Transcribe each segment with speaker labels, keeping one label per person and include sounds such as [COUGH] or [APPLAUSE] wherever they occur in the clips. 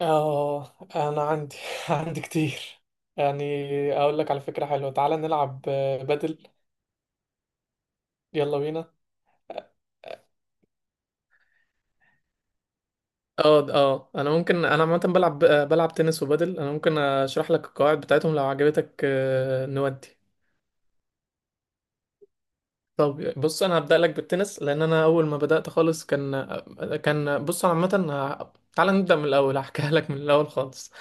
Speaker 1: اه انا عندي [LAUGHS] عندي كتير. يعني اقول لك على فكرة حلوة، تعالى نلعب بدل. يلا بينا. اه انا ممكن، انا عامه بلعب بلعب تنس وبادل. انا ممكن اشرح لك القواعد بتاعتهم لو عجبتك نودي. طب بص، انا هبدأ لك بالتنس لان انا اول ما بدأت خالص كان بص، انا عامة تعال نبدأ من الاول. [LAUGHS] هحكيها لك من الاول خالص.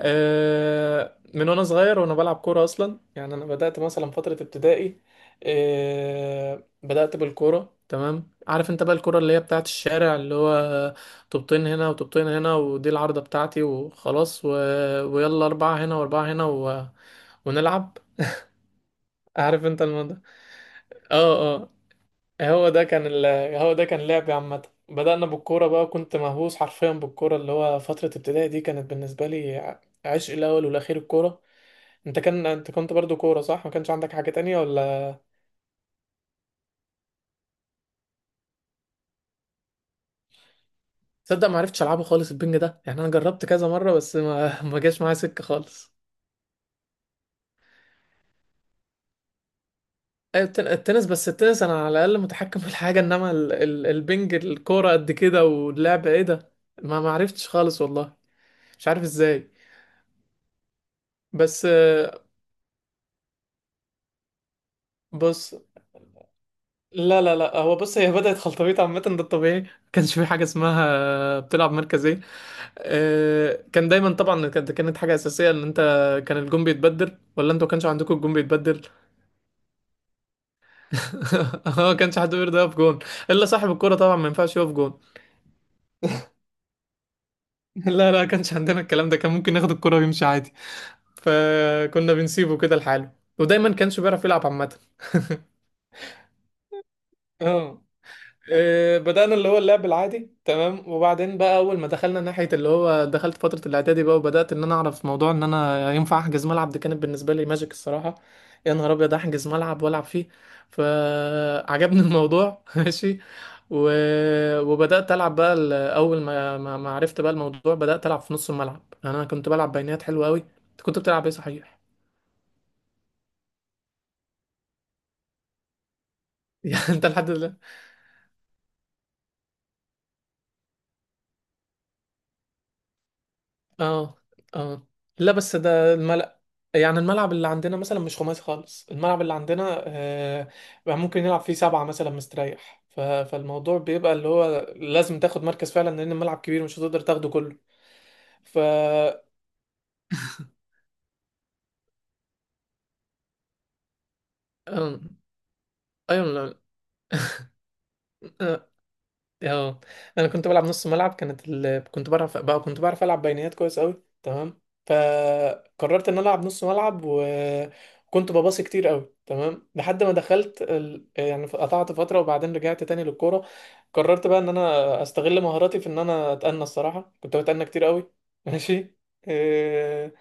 Speaker 1: من وانا صغير وانا بلعب كورة اصلا، يعني انا بدأت مثلا فترة ابتدائي. بدأت بالكورة. تمام، عارف انت بقى الكورة اللي هي بتاعت الشارع، اللي هو طوبتين هنا وطوبتين هنا، ودي العارضة بتاعتي وخلاص ويلا اربعة هنا واربعة هنا ونلعب. عارف انت الموضوع. اه. اه. هو ده كان ال... هو ده كان لعبي عامة. بدأنا بالكورة بقى، كنت مهووس حرفيا بالكورة، اللي هو فترة ابتدائي دي كانت بالنسبة لي عشق الأول والأخير الكورة. انت كنت برضو كورة صح؟ ما كانش عندك حاجة تانية ولا؟ تصدق ما عرفتش ألعبه خالص، البنج ده. يعني أنا جربت كذا مرة بس ما [LAUGHS] ما جاش معايا سكة خالص. أيوة، التنس، بس التنس أنا على الأقل متحكم [LAUGHS] في الحاجة، إنما البنج الكورة قد كده واللعب إيه ده؟ ما عرفتش خالص والله. مش عارف إزاي. بس بص، لا هو بص، هي بدأت خلطبيط عامة، ده الطبيعي. ما كانش في حاجة اسمها بتلعب مركز ايه. كان دايما طبعا، كانت حاجة أساسية ان انت كان الجون بيتبدل. ولا انتوا كانش عندكم الجون بيتبدل؟ [LAUGHS] هو كانش حد بيرضى يقف جون، الا صاحب الكرة طبعا ما ينفعش يقف جون. [LAUGHS] لا كانش عندنا الكلام ده، كان ممكن ياخد الكرة ويمشي عادي. فكنا بنسيبه كده لحاله، ودايما كانش بيعرف يلعب عامة. اه. بدأنا اللي هو اللعب العادي تمام، وبعدين بقى أول ما دخلنا ناحية اللي هو دخلت فترة الإعدادي بقى، وبدأت إن أنا أعرف موضوع إن أنا ينفع أحجز ملعب. دي كانت بالنسبة لي ماجيك الصراحة. يا نهار أبيض، أحجز ملعب وألعب فيه. فعجبني الموضوع. [LAUGHS] ماشي، و... وبدأت ألعب بقى، أول ما ما عرفت بقى الموضوع بدأت ألعب في نص الملعب. يعني أنا كنت بلعب بينات حلوة أوي. أنت كنت بتلعب إيه صحيح؟ [LAUGHS] يعني أنت لحد دلوقتي. اه. اه. لا بس ده الملأ، يعني الملعب اللي عندنا مثلا مش خماسي خالص. الملعب اللي عندنا آه، بقى ممكن يلعب فيه سبعة مثلا مستريح. فالموضوع بيبقى اللي هو لازم تاخد مركز فعلا، لأن الملعب كبير مش هتقدر تاخده كله. ف آه، ايوه. لا. اه. انا كنت بلعب نص ملعب، كنت بعرف بقى، كنت بعرف العب بينيات كويس قوي تمام. فقررت ان أنا العب نص ملعب، وكنت بباصي كتير قوي تمام، لحد ما يعني قطعت فتره، وبعدين رجعت تاني للكوره. قررت بقى ان انا استغل مهاراتي في ان انا اتأنى الصراحه، كنت بتأنى كتير قوي. [LAUGHS] ماشي، آه،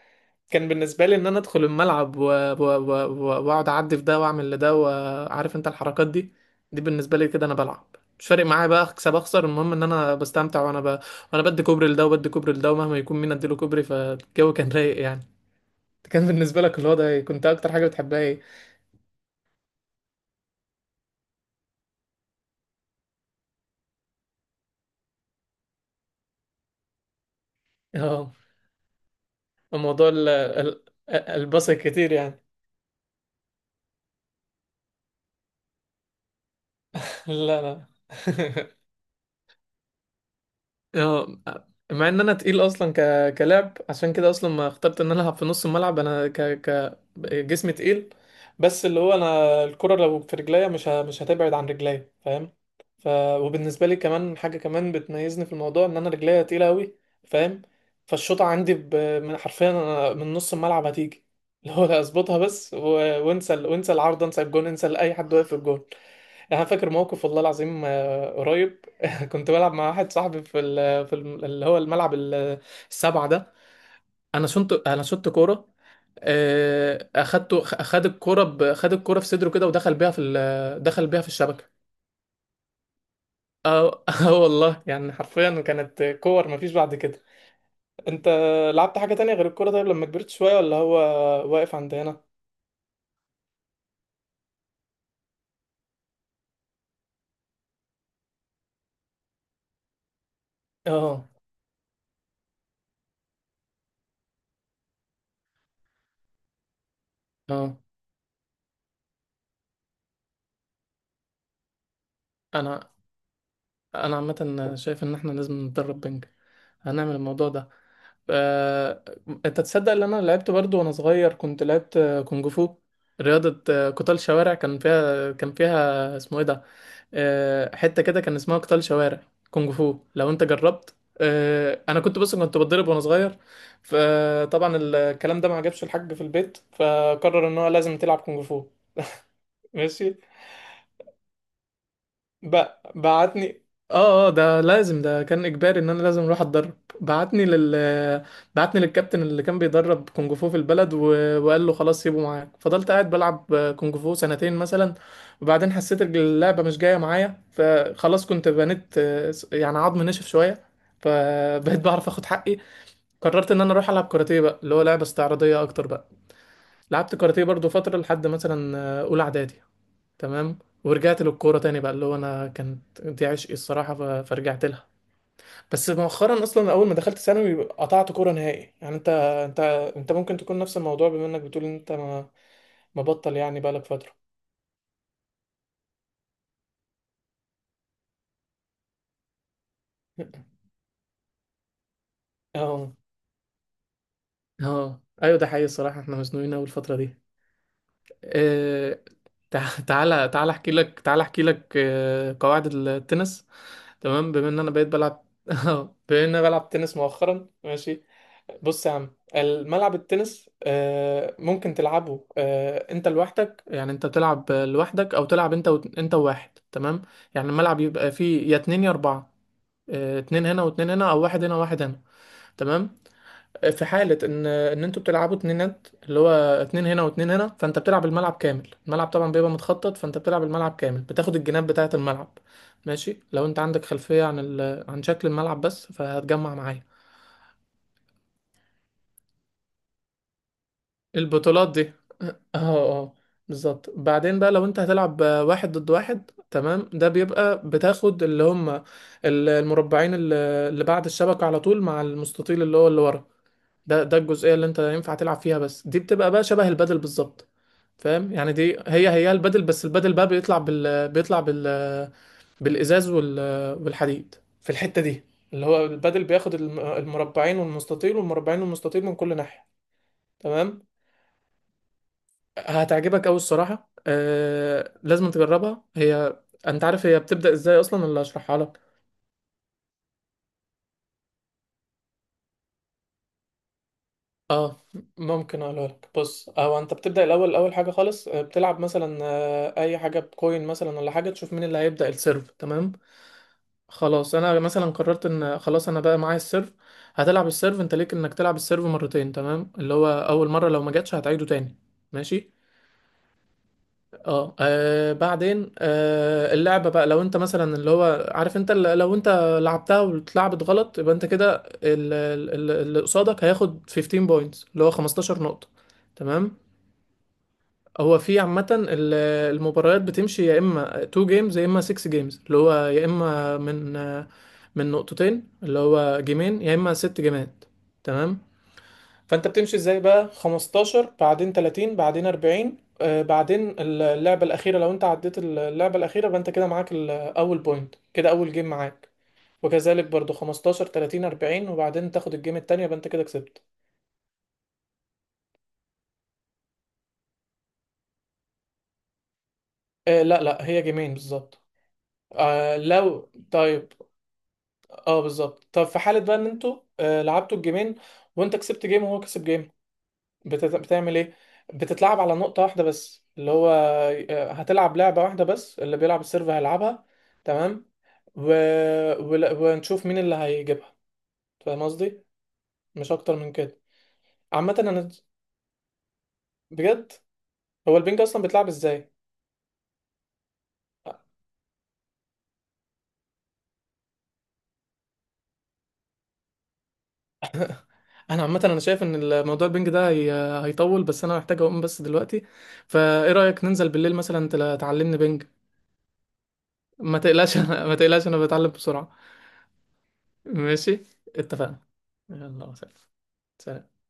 Speaker 1: كان بالنسبه لي ان انا ادخل الملعب واقعد اعدي في ده واعمل لده، وعارف انت الحركات دي. دي بالنسبه لي كده انا بلعب. مش فارق معايا بقى اكسب اخسر، المهم ان انا بستمتع وانا وانا بدي كوبري لده وبدي كوبري لده، ومهما يكون مين اديله كوبري فالجو كان رايق يعني. كان بالنسبه لك الوضع ايه؟ كنت اكتر حاجه بتحبها ايه؟ اه، موضوع الباص الكتير يعني. [LAUGHS] لا لا. [LAUGHS] اه، مع ان انا تقيل اصلا كلاعب، عشان كده اصلا ما اخترت ان انا العب في نص الملعب. انا ك... جسمي تقيل، بس اللي هو انا الكرة لو في رجليا مش هتبعد عن رجليا، فاهم؟ ف... وبالنسبة لي كمان حاجة كمان بتميزني في الموضوع، ان انا رجليا تقيلة قوي، فاهم. فالشوطة عندي من حرفيا أنا من نص الملعب هتيجي، اللي هو اظبطها بس وانسى العارضة، انسى الجون، انسى اي حد واقف في الجون. انا فاكر موقف والله العظيم قريب. [LAUGHS] كنت بلعب مع واحد صاحبي في ال في ال اللي هو الملعب السبعة ده. انا شنت كورة. اخد الكورة خد الكورة في صدره كده، ودخل بيها في دخل بيها في الشبكة. اه. [LAUGHS] والله يعني حرفيا كانت كور مفيش بعد كده. انت لعبت حاجة تانية غير الكورة طيب لما كبرت شوية؟ ولا هو واقف عند هنا؟ اه اه. انا انا عامة شايف ان احنا لازم نتدرب بنج، هنعمل الموضوع ده. آه، انت تصدق ان انا لعبت برضو وانا صغير، كنت لعبت كونج فو. رياضة قتال شوارع. كان فيها اسمه ايه ده حتة كده، كان اسمها قتال شوارع كونج فو، لو انت جربت. انا كنت بص، كنت بتضرب وانا صغير، فطبعا الكلام ده ما عجبش الحاج في البيت، فقرر ان هو لازم تلعب كونج فو. ماشي، ب... بعتني. اه اه، ده لازم، ده كان اجباري ان انا لازم اروح اتدرب. بعتني لل بعتني للكابتن اللي كان بيدرب كونج فو في البلد، وقال له خلاص سيبه معاك، فضلت قاعد بلعب كونج فو سنتين مثلا. وبعدين حسيت إن اللعبة مش جاية معايا، فخلاص كنت بنيت يعني عظم نشف شوية، فبقيت بعرف اخد حقي. قررت ان انا اروح العب كاراتيه بقى، اللي هو لعبة استعراضية اكتر بقى. لعبت كاراتيه برضو فترة لحد مثلا اولى اعدادي. تمام، ورجعت للكوره تاني بقى، اللي هو انا كانت دي عشقي الصراحه، فرجعت لها. بس مؤخرا اصلا اول ما دخلت ثانوي قطعت كوره نهائي. يعني انت، انت انت ممكن تكون نفس الموضوع، بما انك بتقول ان انت ما، مبطل يعني بقالك فتره. [LAUGHS] اه اه، ايوه ده حقيقي الصراحه، احنا مزنوقين اول الفتره دي. آه، تعالى، تعالى احكي لك قواعد التنس. تمام، بما ان انا بقيت بلعب. [LAUGHS] اه، بما ان انا بلعب تنس مؤخرا، ماشي. بص يا عم، الملعب التنس ممكن تلعبه انت لوحدك، يعني انت تلعب لوحدك، او تلعب انت انت وواحد. تمام، يعني الملعب يبقى فيه يا اتنين يا اربعة. اتنين هنا واتنين هنا، او واحد هنا وواحد هنا. تمام، في حالة ان انتوا بتلعبوا اتنينات، اللي هو اتنين هنا واتنين هنا، فانت بتلعب الملعب كامل. الملعب طبعا بيبقى متخطط، فانت بتلعب الملعب كامل بتاخد الجناب بتاعة الملعب. ماشي، لو انت عندك خلفية عن عن شكل الملعب بس، فهتجمع معايا. البطولات دي. اه اه أه. بالظبط، بعدين بقى لو انت هتلعب واحد ضد واحد تمام، ده بيبقى بتاخد اللي هم المربعين اللي اللي بعد الشبكة، على طول مع المستطيل اللي هو اللي ورا. ده ده الجزئيه اللي انت ينفع تلعب فيها، بس دي بتبقى بقى شبه البادل بالظبط. فاهم، يعني دي هي البادل. بس البادل بقى بيطلع بال بالازاز والحديد في الحته دي. اللي هو البادل بياخد المربعين والمستطيل، والمربعين والمستطيل من كل ناحيه. تمام، هتعجبك قوي الصراحه. آه... لازم تجربها هي. انت عارف هي بتبدا ازاي اصلا، اللي هشرحها لك؟ اه، ممكن اقولها لك. بص، او انت بتبدا الاول، اول حاجه خالص بتلعب مثلا اي حاجه بكوين مثلا، ولا حاجه، تشوف مين اللي هيبدا السيرف. تمام، خلاص انا مثلا قررت ان خلاص انا بقى معايا السيرف. هتلعب السيرف، انت ليك انك تلعب السيرف مرتين، تمام؟ اللي هو اول مره لو ما جاتش هتعيده تاني، ماشي. اه، بعدين آه، اللعبة بقى لو انت مثلا اللي هو عارف انت لو انت لعبتها واتلعبت غلط، يبقى انت كده اللي قصادك هياخد 15 بوينتس، اللي هو 15 نقطة. تمام، هو في عامة المباريات بتمشي يا اما 2 جيمز يا اما 6 جيمز، اللي هو يا اما من من نقطتين اللي هو جيمين، يا اما ست جيمات. تمام، فانت بتمشي ازاي بقى، 15 بعدين 30 بعدين 40، آه بعدين اللعبة الأخيرة. لو انت عديت اللعبة الأخيرة، يبقى انت كده معاك الأول بوينت، كده أول جيم معاك. وكذلك برضو 15 30 40، وبعدين تاخد الجيم التانية، يبقى انت كده كسبت. آه، لا هي جيمين بالظبط. آه، لو طيب، اه بالظبط. طب في حالة بقى ان انتوا آه لعبتوا الجيمين، وانت كسبت جيم وهو كسب جيم، بتعمل ايه؟ بتتلعب على نقطة واحدة بس، اللي هو هتلعب لعبة واحدة بس، اللي بيلعب السيرف هيلعبها. تمام، و... ونشوف مين اللي هيجيبها. فاهم قصدي؟ مش اكتر من كده. عامة انا بجد، هو البنج اصلا بيتلعب ازاي؟ انا عامة انا شايف ان الموضوع البنج ده هيطول، بس انا محتاج اقوم بس دلوقتي. فايه رأيك ننزل بالليل مثلا، تعلمني بنج. ما تقلقش، [LAUGHS] ما تقلقش انا بتعلم بسرعة. ماشي، اتفقنا. يلا سلام. سلام.